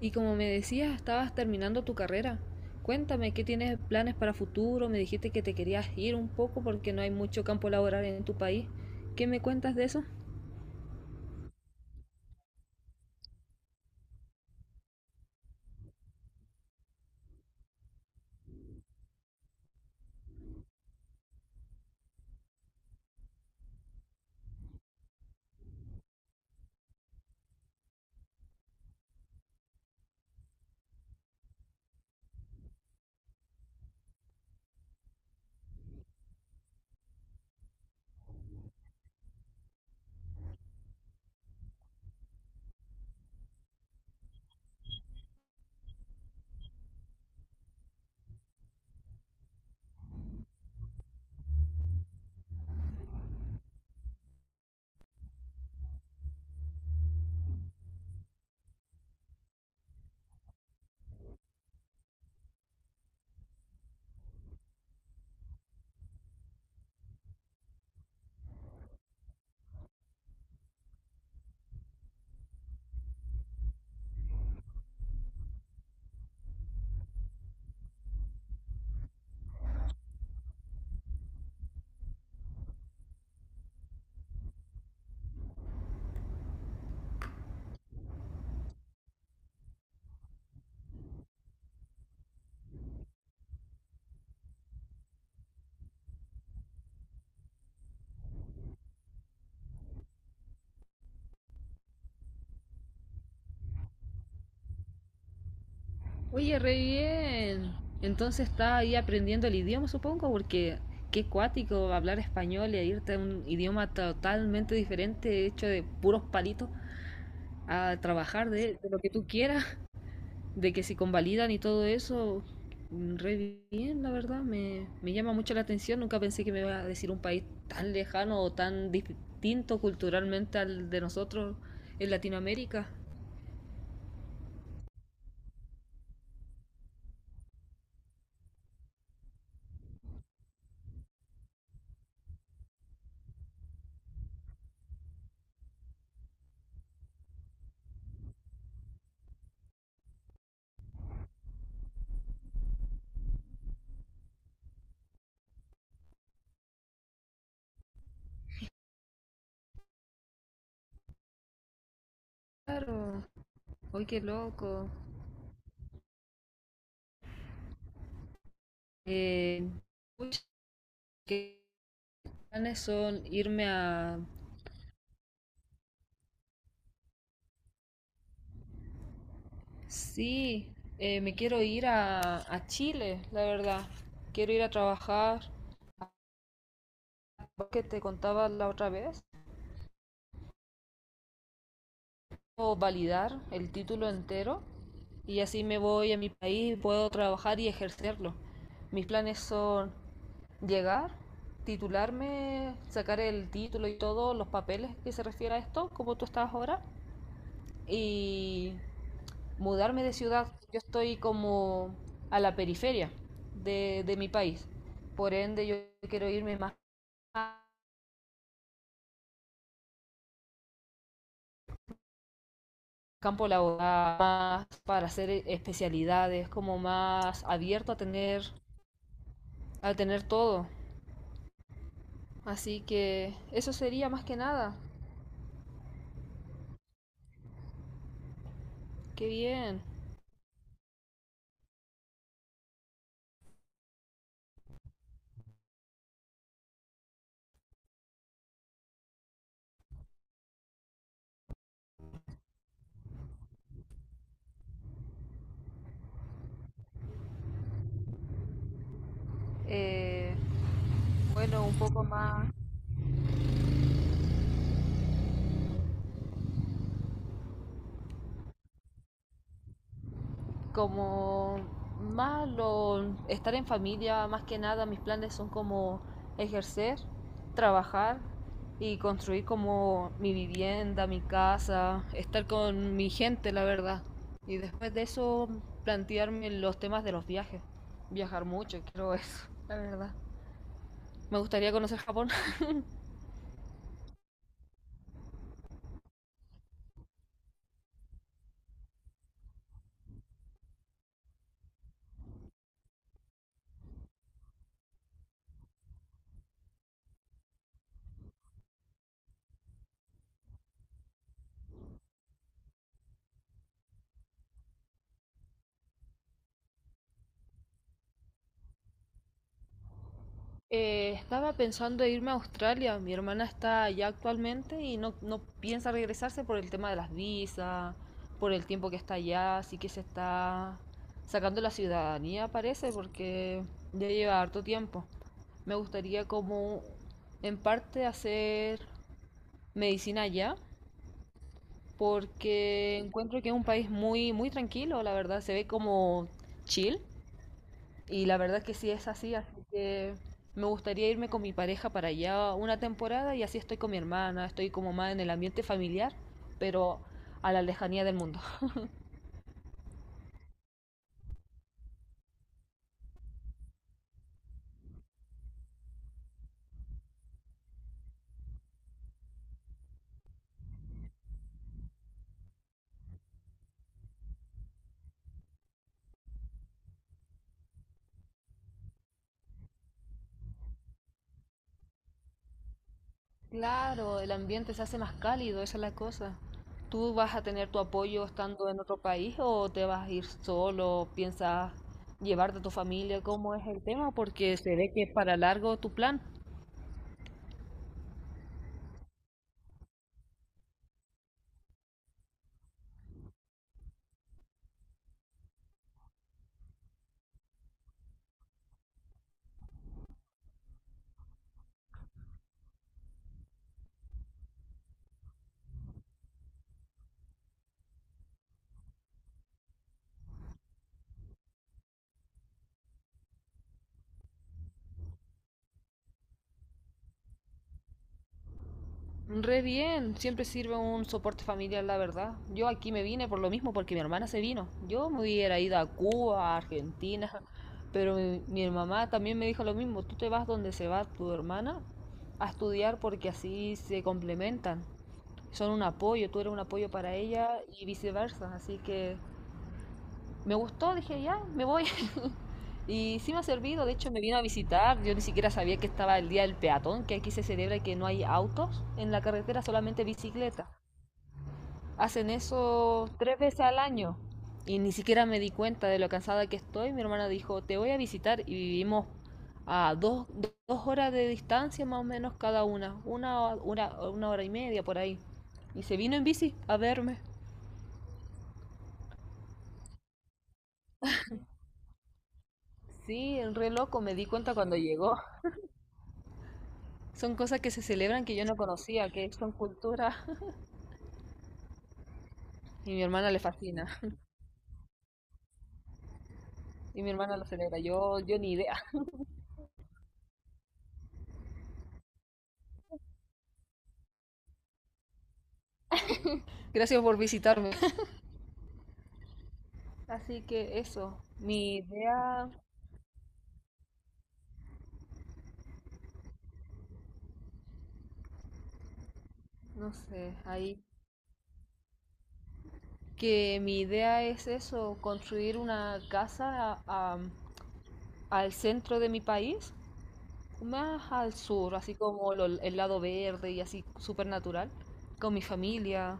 Y como me decías, estabas terminando tu carrera. Cuéntame, ¿qué tienes planes para futuro? Me dijiste que te querías ir un poco porque no hay mucho campo laboral en tu país. ¿Qué me cuentas de eso? Oye, re bien. Entonces estás ahí aprendiendo el idioma, supongo, porque qué cuático hablar español y irte a un idioma totalmente diferente, hecho de puros palitos, a trabajar de lo que tú quieras. De que se convalidan y todo eso, re bien, la verdad, me llama mucho la atención. Nunca pensé que me iba a decir un país tan lejano o tan distinto culturalmente al de nosotros en Latinoamérica. Claro, hoy qué loco. Eh, que planes son irme a. Sí, me quiero ir a Chile, la verdad. Quiero ir a trabajar que te contaba la otra vez. O validar el título entero y así me voy a mi país, puedo trabajar y ejercerlo. Mis planes son llegar, titularme, sacar el título y todos los papeles que se refiere a esto, como tú estás ahora, y mudarme de ciudad. Yo estoy como a la periferia de mi país, por ende yo quiero irme más a campo laboral, más para hacer especialidades, como más abierto a tener todo. Así que eso sería más que nada. Qué bien. Eh, bueno, un poco más como más estar en familia, más que nada mis planes son como ejercer, trabajar y construir como mi vivienda, mi casa, estar con mi gente, la verdad. Y después de eso plantearme los temas de los viajes. Viajar mucho, creo eso, la verdad. Me gustaría conocer Japón. Estaba pensando en irme a Australia. Mi hermana está allá actualmente y no piensa regresarse por el tema de las visas, por el tiempo que está allá, así que se está sacando la ciudadanía, parece, porque ya lleva harto tiempo. Me gustaría como en parte hacer medicina allá, porque encuentro que es un país muy, muy tranquilo, la verdad, se ve como chill y la verdad que sí es así, así que me gustaría irme con mi pareja para allá una temporada y así estoy con mi hermana, estoy como más en el ambiente familiar, pero a la lejanía del mundo. Claro, el ambiente se hace más cálido, esa es la cosa. ¿Tú vas a tener tu apoyo estando en otro país o te vas a ir solo? ¿Piensas llevarte a tu familia? ¿Cómo es el tema? Porque se ve que es para largo tu plan. Re bien, siempre sirve un soporte familiar, la verdad. Yo aquí me vine por lo mismo, porque mi hermana se vino. Yo me hubiera ido a Cuba, a Argentina, pero mi mamá también me dijo lo mismo. Tú te vas donde se va tu hermana a estudiar porque así se complementan. Son un apoyo, tú eres un apoyo para ella y viceversa. Así que me gustó, dije, ya, me voy. Y sí me ha servido, de hecho me vino a visitar, yo ni siquiera sabía que estaba el día del peatón, que aquí se celebra y que no hay autos en la carretera, solamente bicicleta. Hacen eso tres veces al año y ni siquiera me di cuenta de lo cansada que estoy. Mi hermana dijo, te voy a visitar y vivimos a dos horas de distancia más o menos cada una, hora y media por ahí. Y se vino en bici a verme. Sí, el reloj me di cuenta cuando llegó. Son cosas que se celebran que yo no conocía, que son cultura y mi hermana le fascina y mi hermana lo celebra. Yo ni idea. Gracias por visitarme. Así que eso, mi idea, no sé, ahí que mi idea es eso, construir una casa a- al centro de mi país, más al sur, así como el lado verde y así súper natural, con mi familia,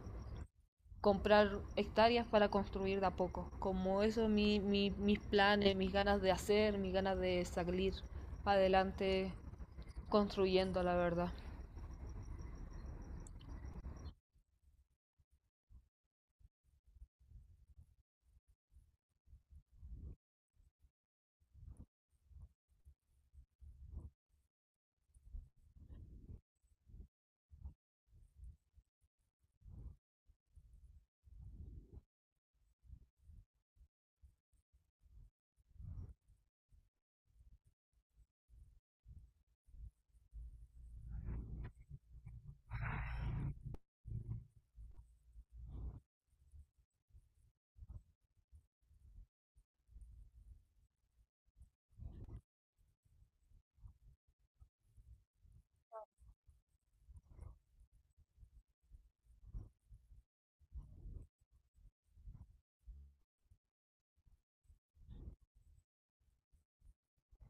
comprar hectáreas para construir de a poco. Como eso es mis planes, mis ganas de hacer, mis ganas de salir adelante construyendo, la verdad.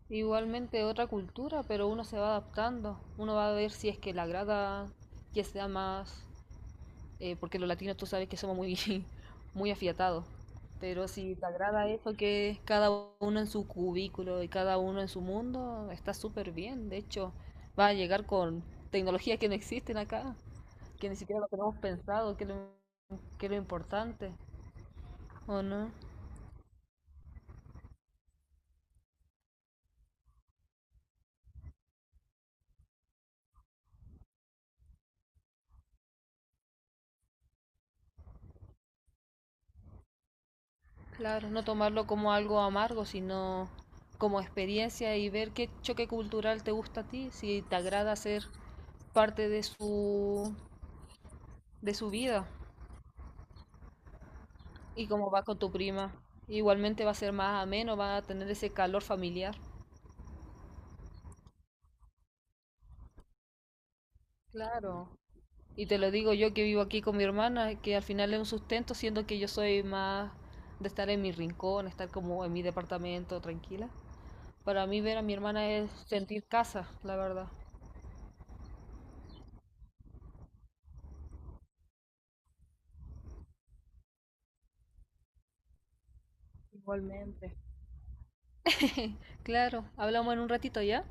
Igualmente otra cultura, pero uno se va adaptando, uno va a ver si es que le agrada que sea más porque los latinos tú sabes que somos muy, muy afiatados. Pero si te agrada eso, que es cada uno en su cubículo y cada uno en su mundo, está súper bien. De hecho, va a llegar con tecnologías que no existen acá, que ni siquiera lo tenemos pensado, que es lo importante, ¿o no? Claro, no tomarlo como algo amargo, sino como experiencia y ver qué choque cultural te gusta a ti, si te agrada ser parte de su vida. Y como va con tu prima. Igualmente va a ser más ameno, va a tener ese calor familiar. Claro. Y te lo digo yo que vivo aquí con mi hermana, que al final es un sustento, siendo que yo soy más de estar en mi rincón, estar como en mi departamento tranquila. Para mí ver a mi hermana es sentir casa, la verdad. Igualmente. Claro, hablamos en un ratito ya.